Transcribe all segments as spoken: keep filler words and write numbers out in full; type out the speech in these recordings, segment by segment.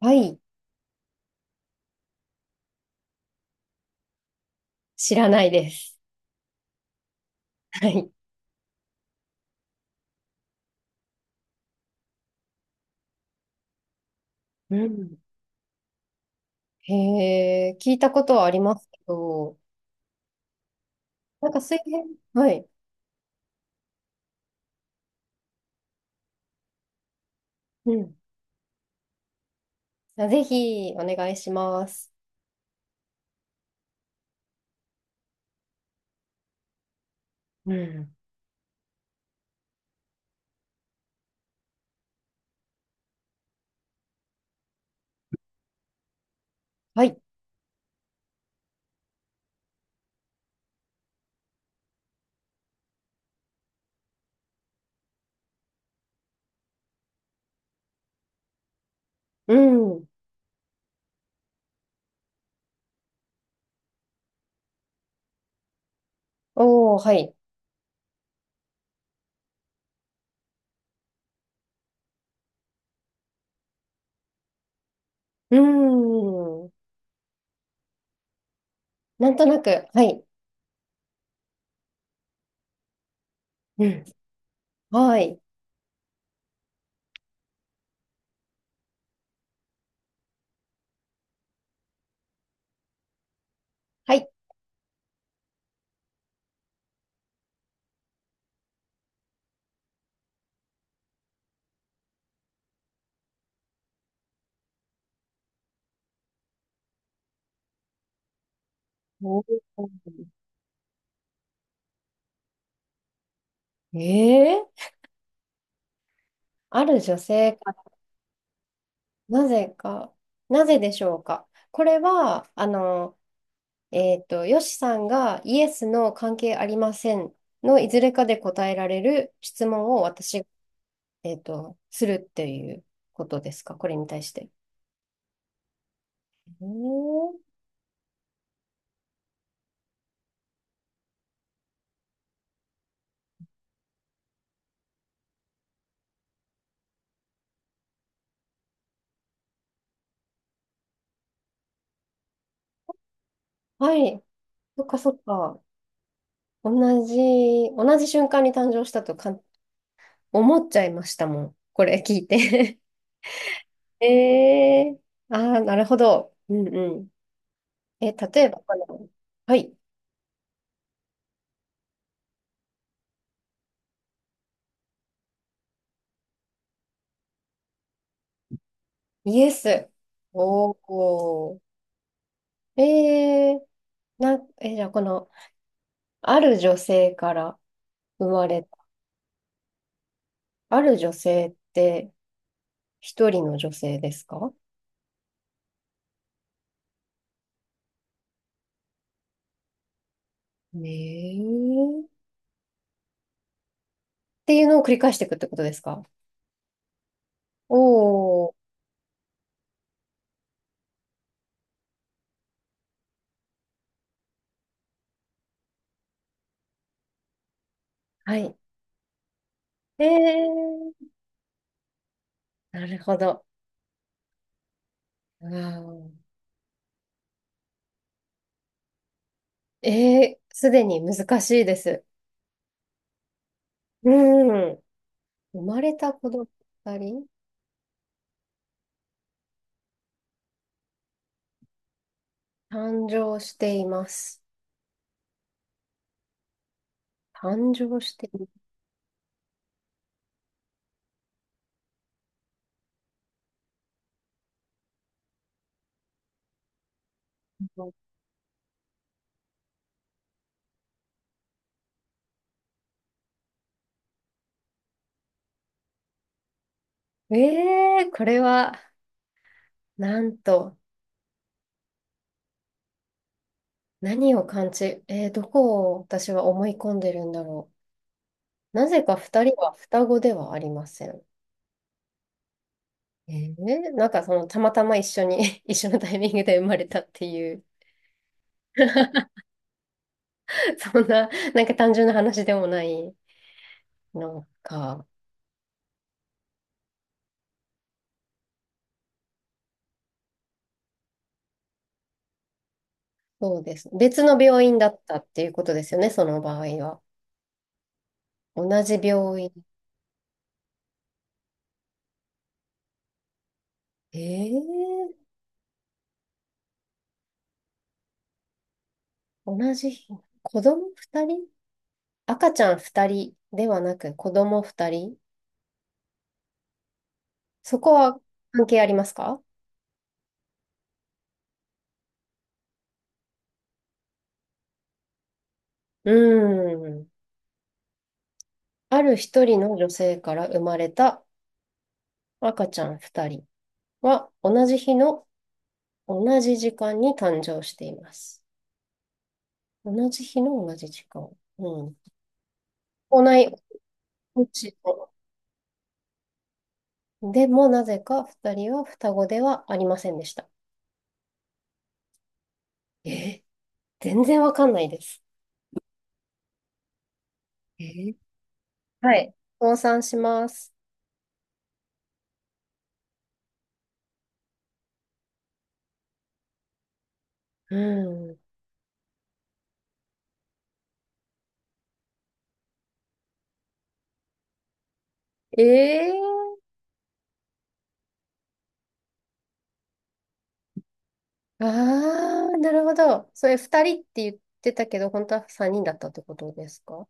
はい。知らないです。はい。うん。へえ、聞いたことはありますけど、なんか水平、はい。うん。あ、ぜひお願いします。うん。はい。うん。おー、はい。うん。なんとなく、はい。うん。はい。はい。おー、ええ、ある女性か、なぜか、なぜでしょうか。これは、あの、えっと、よしさんがイエスの関係ありませんのいずれかで答えられる質問を私、えっと、するっていうことですか、これに対して。えー、はい。そっかそっか。同じ、同じ瞬間に誕生したとか、ん、思っちゃいましたもん。これ聞いて。 えー、ああ、なるほど。うんうん。え、例えば、あの、はい。イエス。おお。えー、な、え、じゃあこの、ある女性から生まれた。ある女性って一人の女性ですか？ねえ。っていうのを繰り返していくってことですか？おー。はい。えー、なるほど。うん。えー、すでに難しいです。うん。生まれた子供二人、誕生しています。誕生しています。えー、これは、なんと、何を感じ、えー、どこを私は思い込んでるんだろなぜか二人は双子ではありません。えー、なんかそのたまたま一緒に 一緒のタイミングで生まれたっていう。 そんな、なんか単純な話でもない、なんか、そうです。別の病院だったっていうことですよね、その場合は。同じ病院。えー、同じ日、子供二人、赤ちゃん二人ではなく子供二人、そこは関係ありますか？うーん。ある一人の女性から生まれた赤ちゃんふたりは同じ日の同じ時間に誕生しています。同じ日の同じ時間。うん。同い年の、でもなぜかふたりは双子ではありませんでした。えー、全然わかんないです。えー、はい。倒産します。うん。えー、ああ、なるほど。それふたりって言ってたけど、本当はさんにんだったってことですか？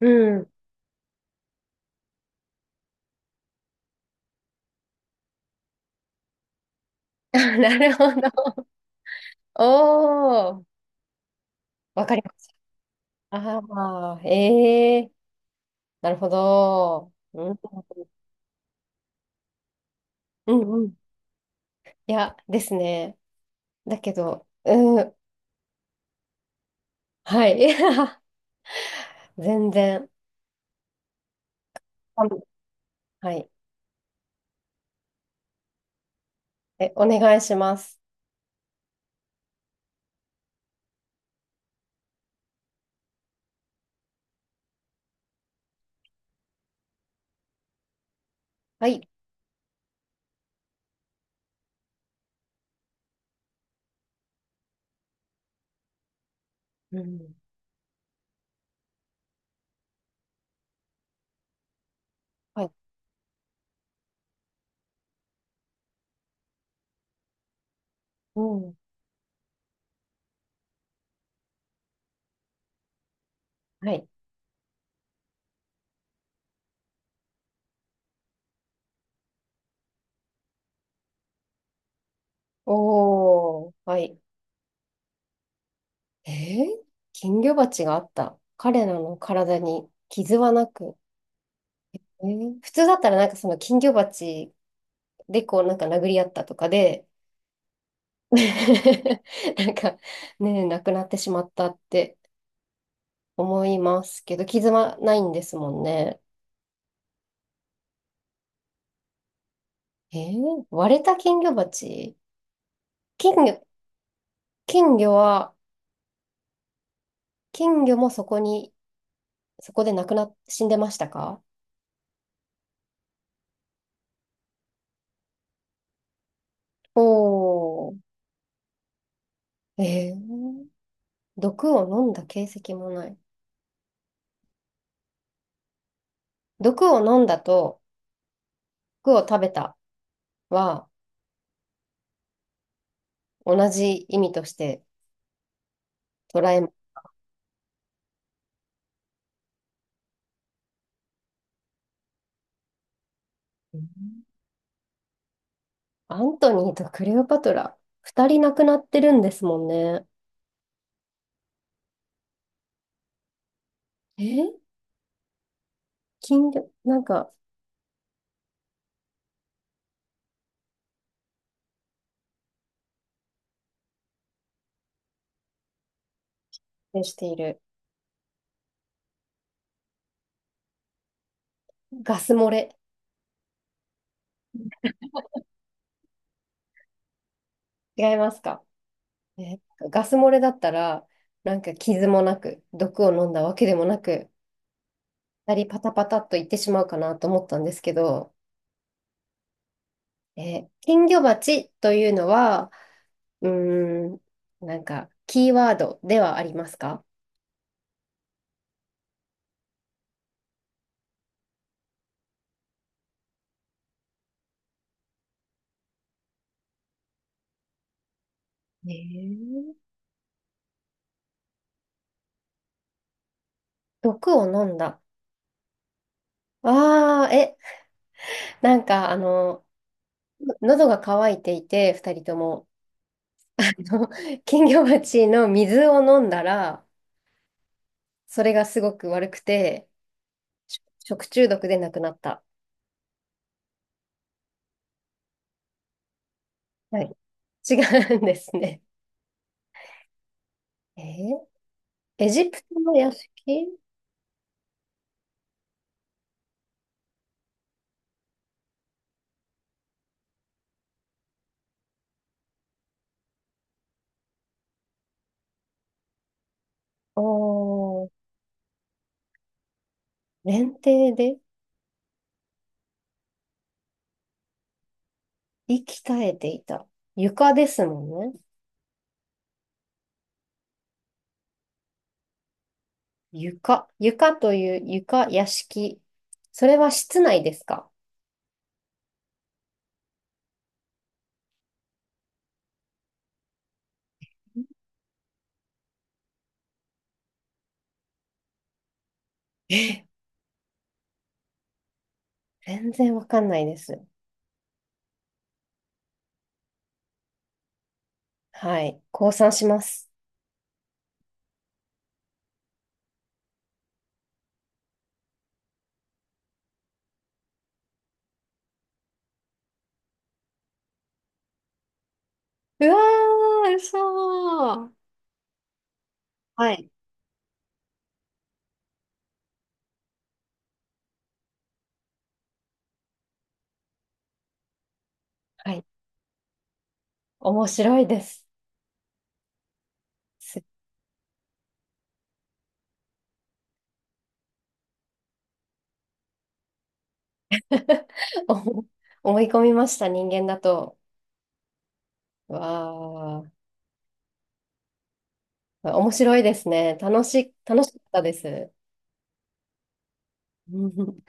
うん。なるほど。おー、わかります。ああ、まあ、ええ、なるほど。うん、うんうん。いや、ですね。だけど、うん、はい。全然。あの、はい。え、お願いします。はい。うん。はい。うん。はい。おー、はい。えー、金魚鉢があった。彼らの体に傷はなく。えー、普通だったらなんかその金魚鉢でこうなんか殴り合ったとかで、なんか、ね、なくなってしまったって思いますけど、傷はないんですもんね。えー、割れた金魚鉢、金魚、金魚は、金魚もそこに、そこで亡くなっ、死んでましたか？おー、えー、毒を飲んだ形跡もない。毒を飲んだと、毒を食べたは同じ意味として捉えます。うん。アントニーとクレオパトラ、二人亡くなってるんですもんね。え、金魚、なんか、ね、している。ガス漏れ。違いますか？え、ガス漏れだったら、なんか傷もなく、毒を飲んだわけでもなく、二人パタパタっといってしまうかなと思ったんですけど、え、金魚鉢というのは、うーん、なんか、キーワードではありますか？えー、毒を飲んだ。ああ、え、なんか、あの、喉が渇いていて、二人とも。の、金魚鉢の水を飲んだら、それがすごく悪くて、し、食中毒で亡くなった。はい。違うんですね。えー、エジプトの屋敷。おー、連帝で息絶えていた。床ですもんね。床。床という床、屋敷。それは室内ですか？え、全然わかんないです。はい。降参します。うわー、嘘ー。はい。はい、面白いです。す 思、思い込みました、人間だと。わあ、面白いですね。楽し、楽しかったです。うん